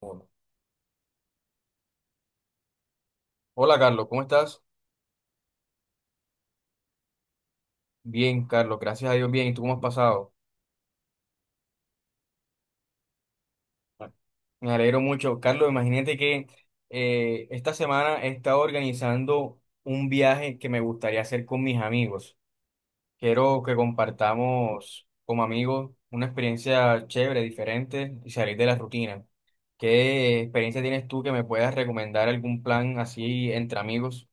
Uno. Hola Carlos, ¿cómo estás? Bien, Carlos, gracias a Dios, bien. ¿Y tú cómo has pasado? Me alegro mucho. Carlos, imagínate que esta semana he estado organizando un viaje que me gustaría hacer con mis amigos. Quiero que compartamos como amigos una experiencia chévere, diferente y salir de la rutina. ¿Qué experiencia tienes tú que me puedas recomendar algún plan así entre amigos?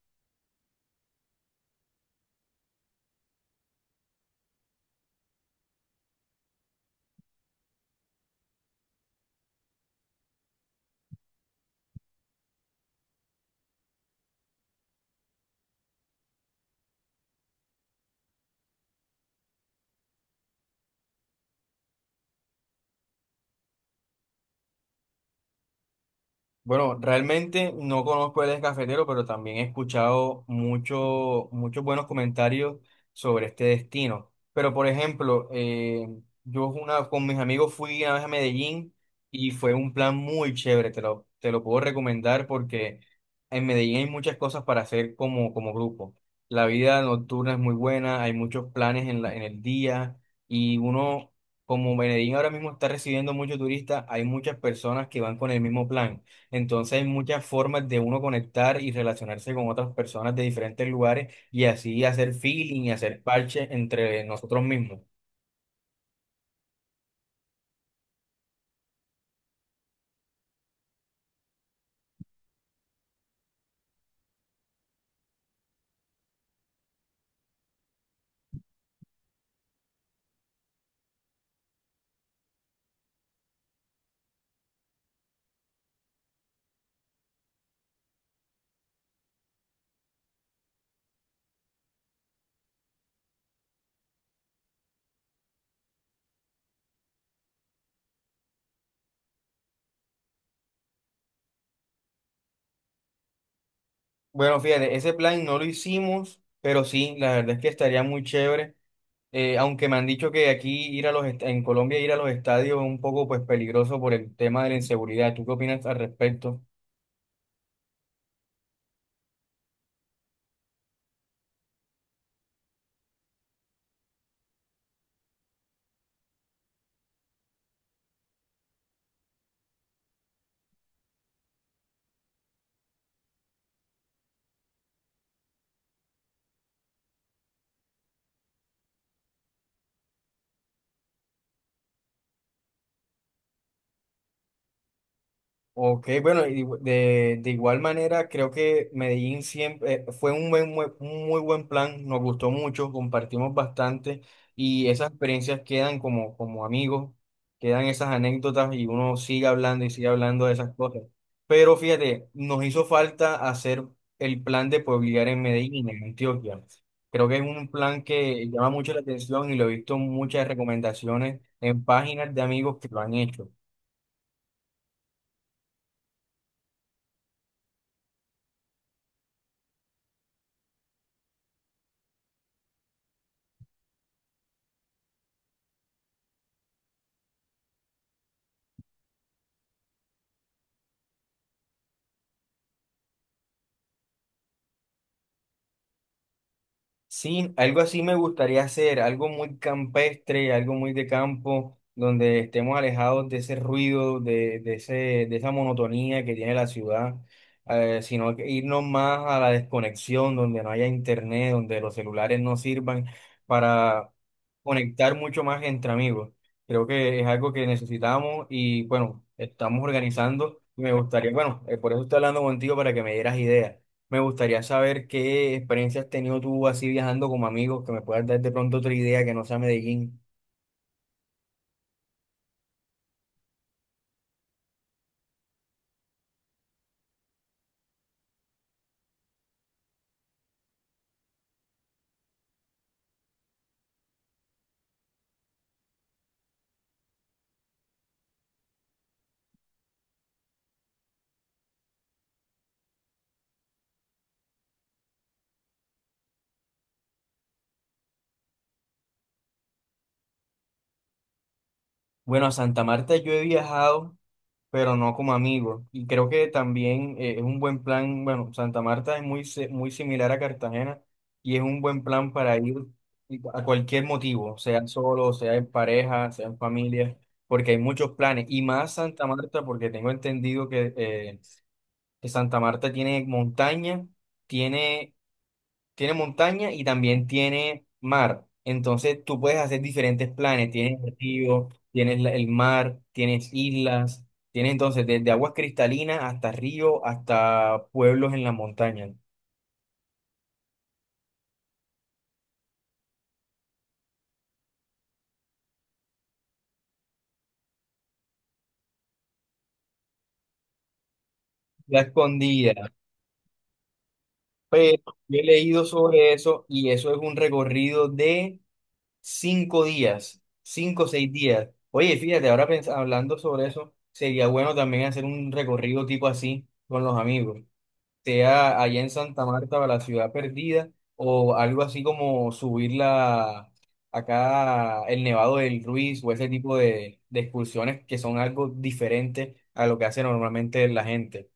Bueno, realmente no conozco el descafetero, pero también he escuchado mucho, muchos buenos comentarios sobre este destino. Pero, por ejemplo, con mis amigos fui una vez a Medellín y fue un plan muy chévere, te lo puedo recomendar porque en Medellín hay muchas cosas para hacer como grupo. La vida nocturna es muy buena, hay muchos planes en el día y uno, como Medellín ahora mismo está recibiendo muchos turistas, hay muchas personas que van con el mismo plan. Entonces hay muchas formas de uno conectar y relacionarse con otras personas de diferentes lugares y así hacer feeling y hacer parche entre nosotros mismos. Bueno, fíjate, ese plan no lo hicimos, pero sí, la verdad es que estaría muy chévere. Aunque me han dicho que aquí ir a los est- en Colombia ir a los estadios es un poco pues peligroso por el tema de la inseguridad. ¿Tú qué opinas al respecto? Ok, bueno, y de igual manera creo que Medellín siempre fue un muy buen plan, nos gustó mucho, compartimos bastante y esas experiencias quedan como amigos, quedan esas anécdotas y uno sigue hablando y sigue hablando de esas cosas. Pero fíjate, nos hizo falta hacer el plan de pueblear en Medellín, en Antioquia. Creo que es un plan que llama mucho la atención y lo he visto en muchas recomendaciones en páginas de amigos que lo han hecho. Sí, algo así me gustaría hacer, algo muy campestre, algo muy de campo, donde estemos alejados de ese ruido, de esa monotonía que tiene la ciudad, sino que irnos más a la desconexión, donde no haya internet, donde los celulares no sirvan para conectar mucho más entre amigos. Creo que es algo que necesitamos y bueno, estamos organizando y me gustaría, bueno, por eso estoy hablando contigo para que me dieras ideas. Me gustaría saber qué experiencia has tenido tú así viajando como amigos, que me puedas dar de pronto otra idea que no sea Medellín. Bueno, a Santa Marta yo he viajado, pero no como amigo. Y creo que también es un buen plan. Bueno, Santa Marta es muy, si- muy similar a Cartagena y es un buen plan para ir a cualquier motivo, sea solo, sea en pareja, sea en familia, porque hay muchos planes. Y más Santa Marta, porque tengo entendido que Santa Marta tiene montaña, tiene tiene montaña y también tiene mar. Entonces tú puedes hacer diferentes planes. Tienes el río, tienes el mar, tienes islas, tienes entonces desde aguas cristalinas hasta río, hasta pueblos en la montaña. La escondida. Pero yo he leído sobre eso y eso es un recorrido de 5 días, 5 o 6 días. Oye, fíjate, ahora hablando sobre eso, sería bueno también hacer un recorrido tipo así con los amigos, sea allá en Santa Marta o la ciudad perdida, o algo así como subirla acá el Nevado del Ruiz o ese tipo de excursiones que son algo diferente a lo que hace normalmente la gente.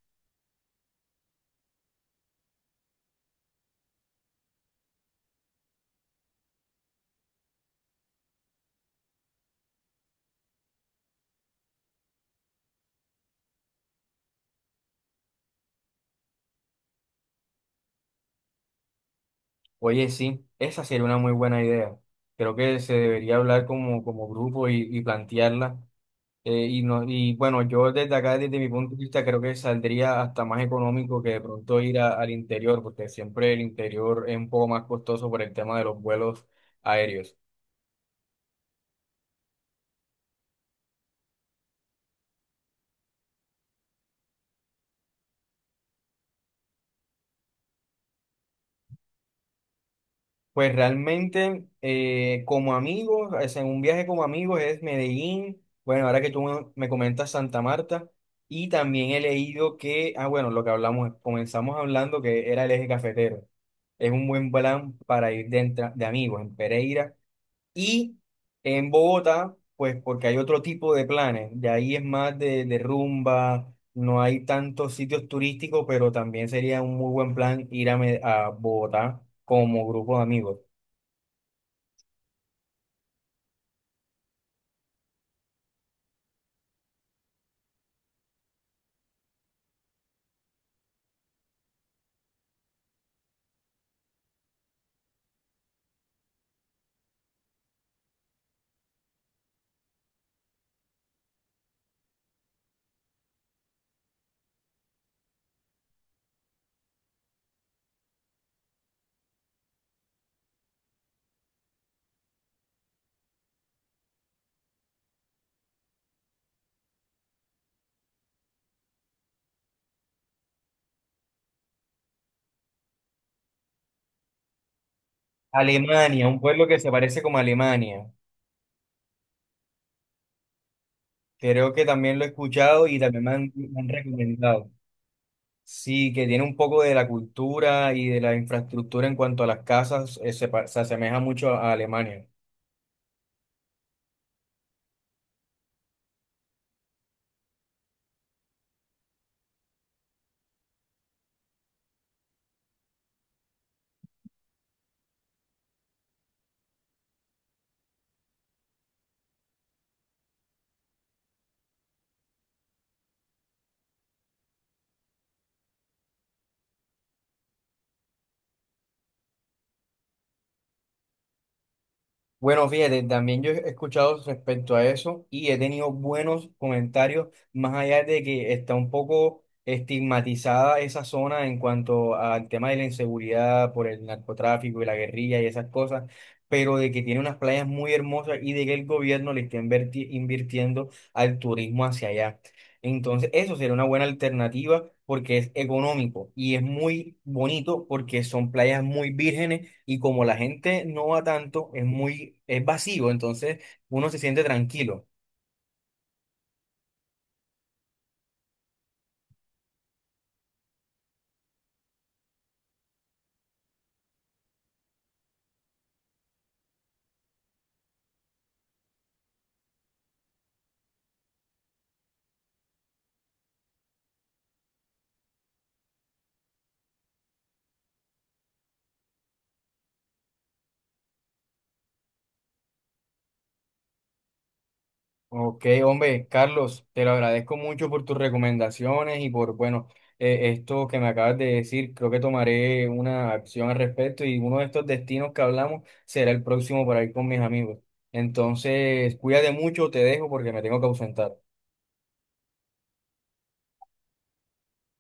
Oye, sí, esa sería una muy buena idea. Creo que se debería hablar como, como grupo y plantearla. Y, no, y bueno, yo desde acá, desde mi punto de vista, creo que saldría hasta más económico que de pronto ir al interior, porque siempre el interior es un poco más costoso por el tema de los vuelos aéreos. Pues realmente, como amigos, o sea, en un viaje como amigos es Medellín. Bueno, ahora que tú me comentas Santa Marta, y también he leído que, ah, bueno, lo que hablamos, comenzamos hablando que era el eje cafetero. Es un buen plan para ir de amigos en Pereira y en Bogotá, pues porque hay otro tipo de planes, de ahí es más de rumba, no hay tantos sitios turísticos, pero también sería un muy buen plan ir a Bogotá como grupo de amigos. Alemania, un pueblo que se parece como Alemania, creo que también lo he escuchado y también me han recomendado. Sí, que tiene un poco de la cultura y de la infraestructura en cuanto a las casas, se asemeja mucho a Alemania. Bueno, fíjate, también yo he escuchado respecto a eso y he tenido buenos comentarios, más allá de que está un poco estigmatizada esa zona en cuanto al tema de la inseguridad por el narcotráfico y la guerrilla y esas cosas, pero de que tiene unas playas muy hermosas y de que el gobierno le está invirtiendo al turismo hacia allá. Entonces, eso sería una buena alternativa porque es económico y es muy bonito porque son playas muy vírgenes y como la gente no va tanto, es muy, es vacío, entonces uno se siente tranquilo. Ok, hombre, Carlos, te lo agradezco mucho por tus recomendaciones y por, bueno, esto que me acabas de decir. Creo que tomaré una acción al respecto y uno de estos destinos que hablamos será el próximo para ir con mis amigos. Entonces, cuídate mucho, te dejo porque me tengo que ausentar.